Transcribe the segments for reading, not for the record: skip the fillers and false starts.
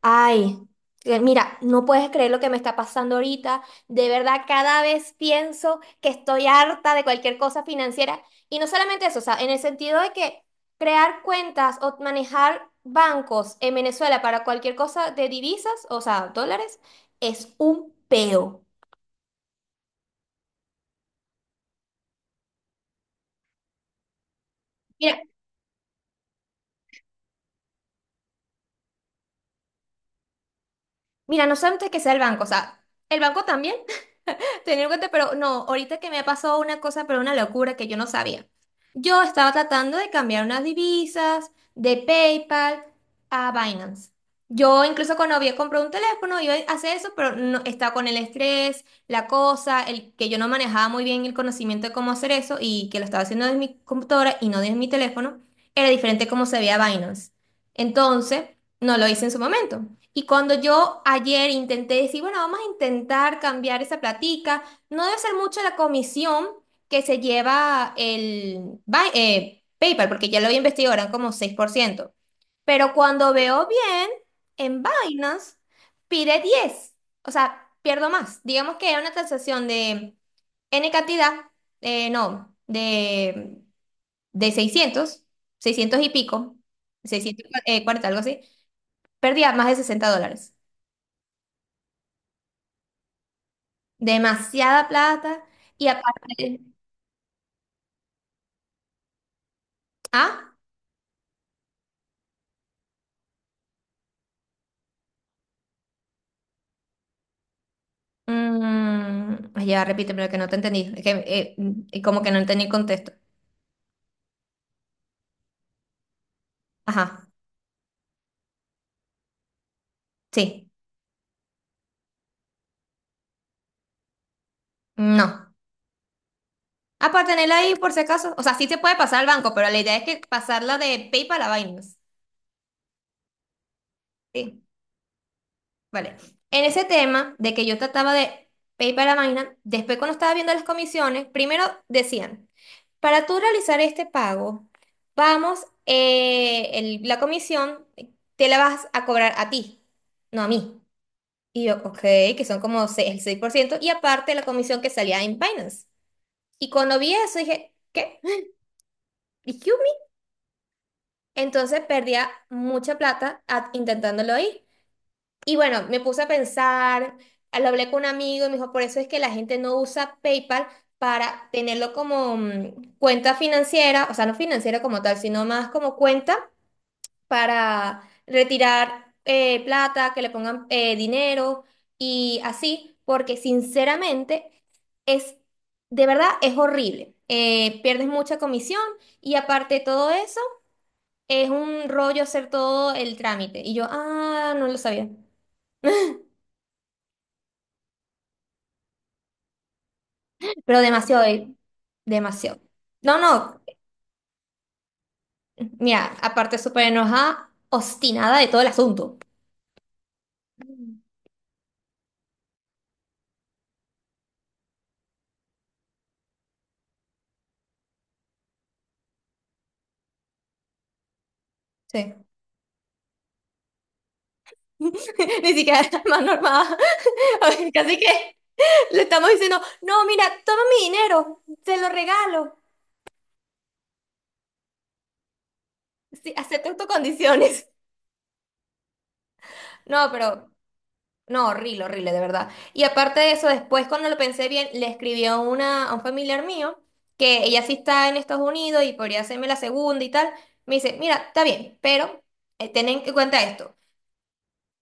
Ay, que mira, no puedes creer lo que me está pasando ahorita. De verdad, cada vez pienso que estoy harta de cualquier cosa financiera. Y no solamente eso, o sea, en el sentido de que crear cuentas o manejar bancos en Venezuela para cualquier cosa de divisas, o sea, dólares, es un peo. Mira, mira, no solamente que sea el banco, o sea, el banco también. Tenía en cuenta, pero no, ahorita que me pasó una cosa, pero una locura que yo no sabía. Yo estaba tratando de cambiar unas divisas de PayPal a Binance. Yo incluso cuando había comprado un teléfono iba a hacer eso, pero no, estaba con el estrés, la cosa, el que yo no manejaba muy bien el conocimiento de cómo hacer eso y que lo estaba haciendo desde mi computadora y no desde mi teléfono, era diferente cómo se veía Binance. Entonces, no lo hice en su momento. Y cuando yo ayer intenté decir, bueno, vamos a intentar cambiar esa platica, no debe ser mucho la comisión que se lleva el PayPal, porque ya lo había investigado, eran como 6%. Pero cuando veo bien, en Binance pide 10. O sea, pierdo más. Digamos que era una transacción de N cantidad, no, de 600, 600 y pico, 640, algo así. Perdía más de $60. Demasiada plata. Y aparte, ah, ay, ya repítemelo que no te entendí. Es que, como que no entendí el contexto. Ajá, sí, no. Ah, para tenerla ahí por si acaso. O sea, sí se puede pasar al banco, pero la idea es que pasarla de PayPal a Binance. Sí, vale. En ese tema de que yo trataba de PayPal a Binance, después cuando estaba viendo las comisiones, primero decían. Para tú realizar este pago, vamos, la comisión te la vas a cobrar a ti, no a mí. Y yo, ok, que son como el 6% y aparte la comisión que salía en Binance. Y cuando vi eso dije, ¿qué? ¿Excuse me? Entonces perdía mucha plata intentándolo ahí. Y bueno, me puse a pensar, lo hablé con un amigo y me dijo, por eso es que la gente no usa PayPal para tenerlo como cuenta financiera, o sea, no financiera como tal, sino más como cuenta para retirar plata, que le pongan dinero y así, porque sinceramente es, de verdad, es horrible. Pierdes mucha comisión y aparte de todo eso, es un rollo hacer todo el trámite. Y yo, ah, no lo sabía. Pero demasiado, demasiado. No, no, mira, aparte súper enojada, obstinada de todo el asunto. Mm. Sí. Ni siquiera es más normal. A ver, casi que le estamos diciendo, no, mira, toma mi dinero, te lo regalo. Sí, acepto tus condiciones. No, pero, no, horrible, horrible, de verdad. Y aparte de eso, después cuando lo pensé bien, le escribí a, una, a un familiar mío, que ella sí está en Estados Unidos y podría hacerme la segunda y tal. Me dice, mira, está bien, pero ten en cuenta esto.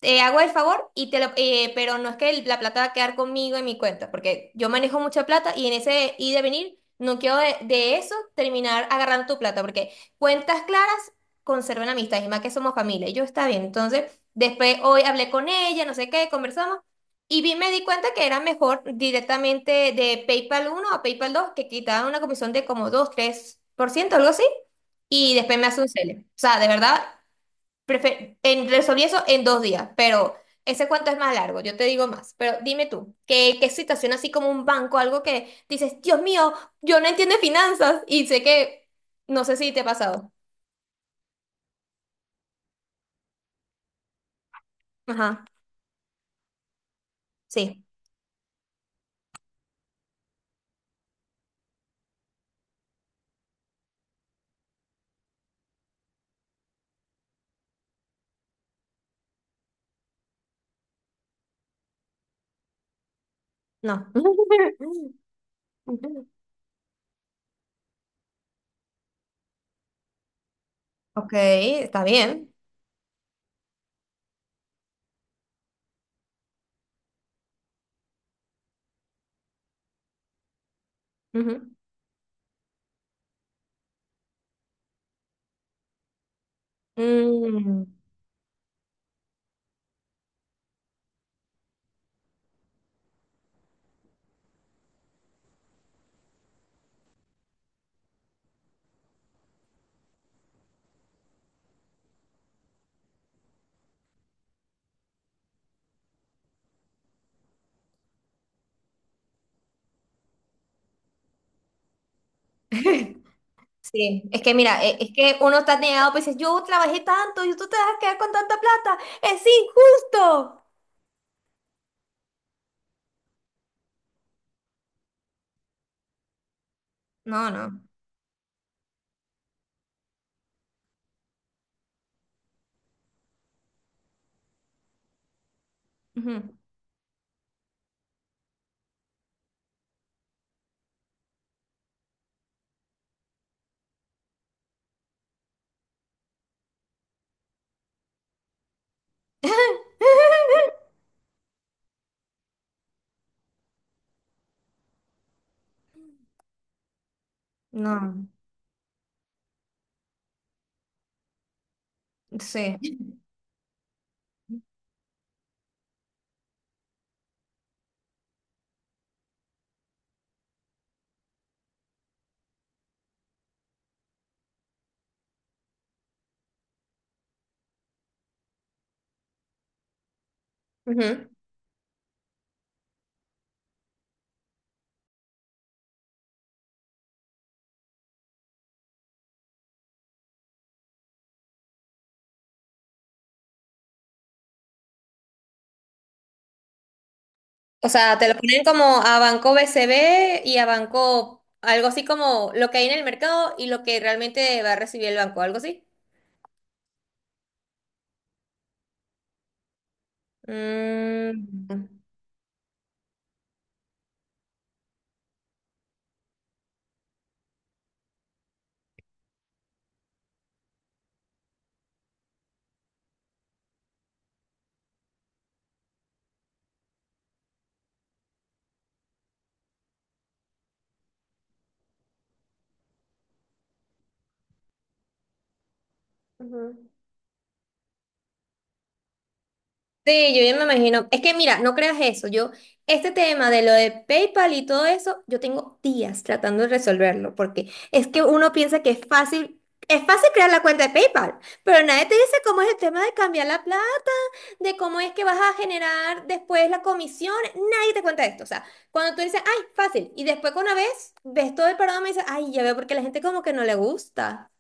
Te hago el favor y te lo, pero no es que la plata va a quedar conmigo en mi cuenta, porque yo manejo mucha plata y en ese ir de venir no quiero de eso terminar agarrando tu plata, porque cuentas claras conservan amistad, y más que somos familia, y yo está bien. Entonces, después hoy hablé con ella, no sé qué, conversamos, y vi, me di cuenta que era mejor directamente de PayPal uno a PayPal 2 que quitaban una comisión de como dos tres por ciento, algo así, y después me hace un cel. O sea, de verdad. Resolví eso en 2 días, pero ese cuento es más largo, yo te digo más. Pero dime tú, ¿qué, qué situación así como un banco, algo que dices, Dios mío, yo no entiendo de finanzas y sé que, no sé si te ha pasado. Ajá, sí, no. Ok, está bien. Ujú. Mm, sí, es que mira, es, que uno está negado, pues dices, yo trabajé tanto y tú te vas a quedar con tanta plata, es injusto. No, no. Ujú. No. Sí. Ujú. O sea, te lo ponen como a banco BCB y a banco algo así como lo que hay en el mercado y lo que realmente va a recibir el banco, algo así. Mm. Ujú. Sí, yo ya me imagino. Es que mira, no creas eso. Yo, este tema de lo de PayPal y todo eso, yo tengo días tratando de resolverlo, porque es que uno piensa que es fácil crear la cuenta de PayPal, pero nadie te dice cómo es el tema de cambiar la plata de cómo es que vas a generar después la comisión, nadie te cuenta esto. O sea, cuando tú dices, ay, fácil, y después con una vez ves todo el programa y dices, ay, ya veo porque la gente como que no le gusta.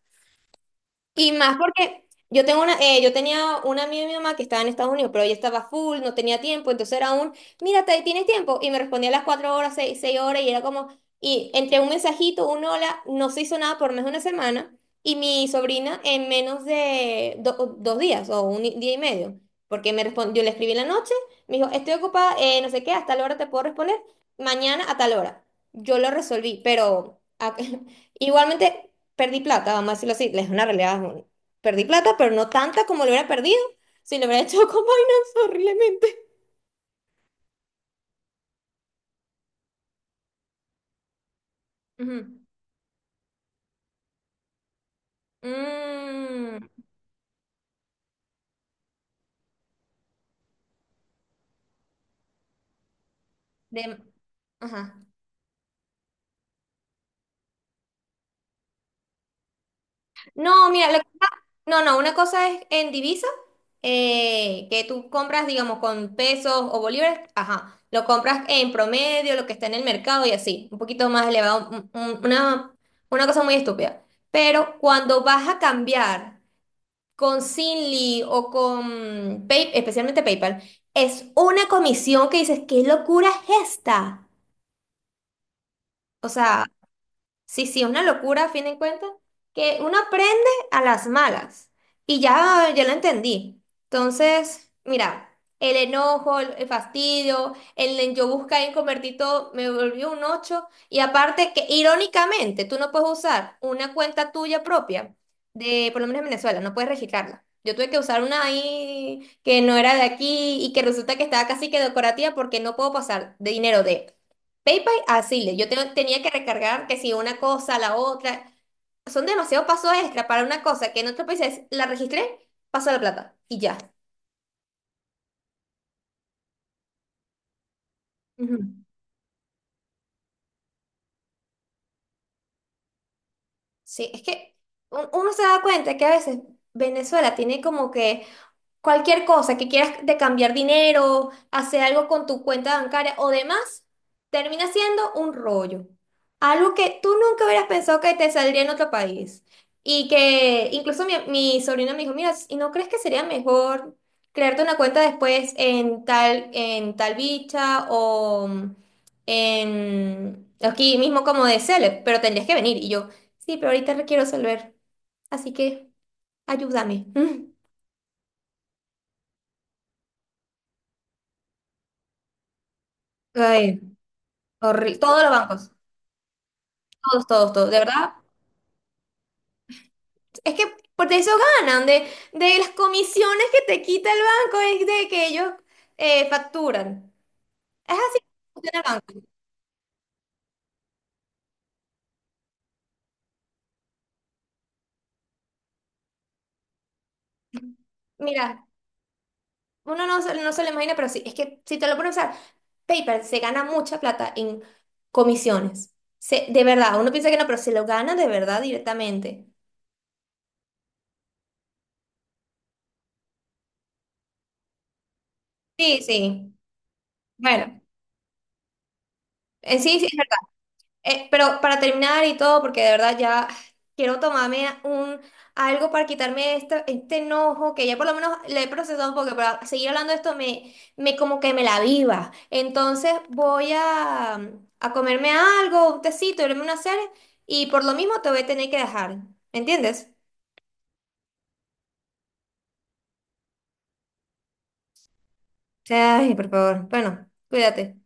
Y más porque yo tengo una, yo tenía una amiga de mi mamá que estaba en Estados Unidos, pero ella estaba full, no tenía tiempo, entonces era un, mira, ¿tienes tiempo? Y me respondía a las 4 horas, seis horas, y era como, y entre un mensajito, un hola, no se hizo nada por más de una semana, y mi sobrina en menos de 2 días o un día y medio, porque me respon yo le escribí en la noche, me dijo, estoy ocupada, no sé qué, hasta la hora te puedo responder, mañana a tal hora. Yo lo resolví, pero... Igualmente, perdí plata, vamos a decirlo así, es una realidad. Perdí plata, pero no tanta como lo hubiera perdido si lo hubiera hecho con Binance horriblemente. Ujú. Mm, de- ajá. No, mira, no, no, una cosa es en divisa, que tú compras, digamos, con pesos o bolívares, ajá, lo compras en promedio, lo que está en el mercado y así, un poquito más elevado, una, una cosa muy estúpida. Pero cuando vas a cambiar con Lee o con especialmente PayPal, es una comisión que dices, ¿qué locura es esta? O sea, sí, sí, una locura a fin de cuentas, que uno aprende a las malas y ya, ya lo entendí. Entonces, mira, el enojo, el fastidio, el en yo buscar en convertir todo, me volvió un 8 y aparte que irónicamente tú no puedes usar una cuenta tuya propia de, por lo menos en Venezuela, no puedes registrarla. Yo tuve que usar una ahí que no era de aquí y que resulta que estaba casi que decorativa porque no puedo pasar de dinero de PayPal, así, tenía que recargar que si una cosa, la otra. Son demasiados pasos extra para una cosa que en otro país es, la registré, paso la plata y ya. Ujú. Sí, es que uno se da cuenta que a veces Venezuela tiene como que cualquier cosa que quieras de cambiar dinero, hacer algo con tu cuenta bancaria o demás, termina siendo un rollo. Algo que tú nunca hubieras pensado que te saldría en otro país. Y que incluso mi sobrina me dijo, mira, ¿y no crees que sería mejor crearte una cuenta después en tal bicha o en aquí mismo como de Celeb? Pero tendrías que venir. Y yo, sí, pero ahorita requiero resolver. Así que ayúdame. Ay. Todos los bancos, todos, todos, todos, de verdad. Es que por de eso ganan, de las comisiones que te quita el banco, es de que ellos facturan. Es así que funciona el banco. Mira, uno no, no se lo imagina, pero sí, es que si te lo pones a pensar, PayPal se gana mucha plata en comisiones. De verdad, uno piensa que no, pero se lo gana de verdad directamente. Sí, sí. Bueno, en sí, sí, pero para terminar y todo, porque de verdad ya quiero tomarme un algo para quitarme este enojo, que ya por lo menos le he procesado, porque para seguir hablando de esto me como que me la viva. Entonces voy a comerme algo, un tecito, verme una serie, y por lo mismo te voy a tener que dejar. ¿Me entiendes? Ay, por favor. Bueno, cuídate.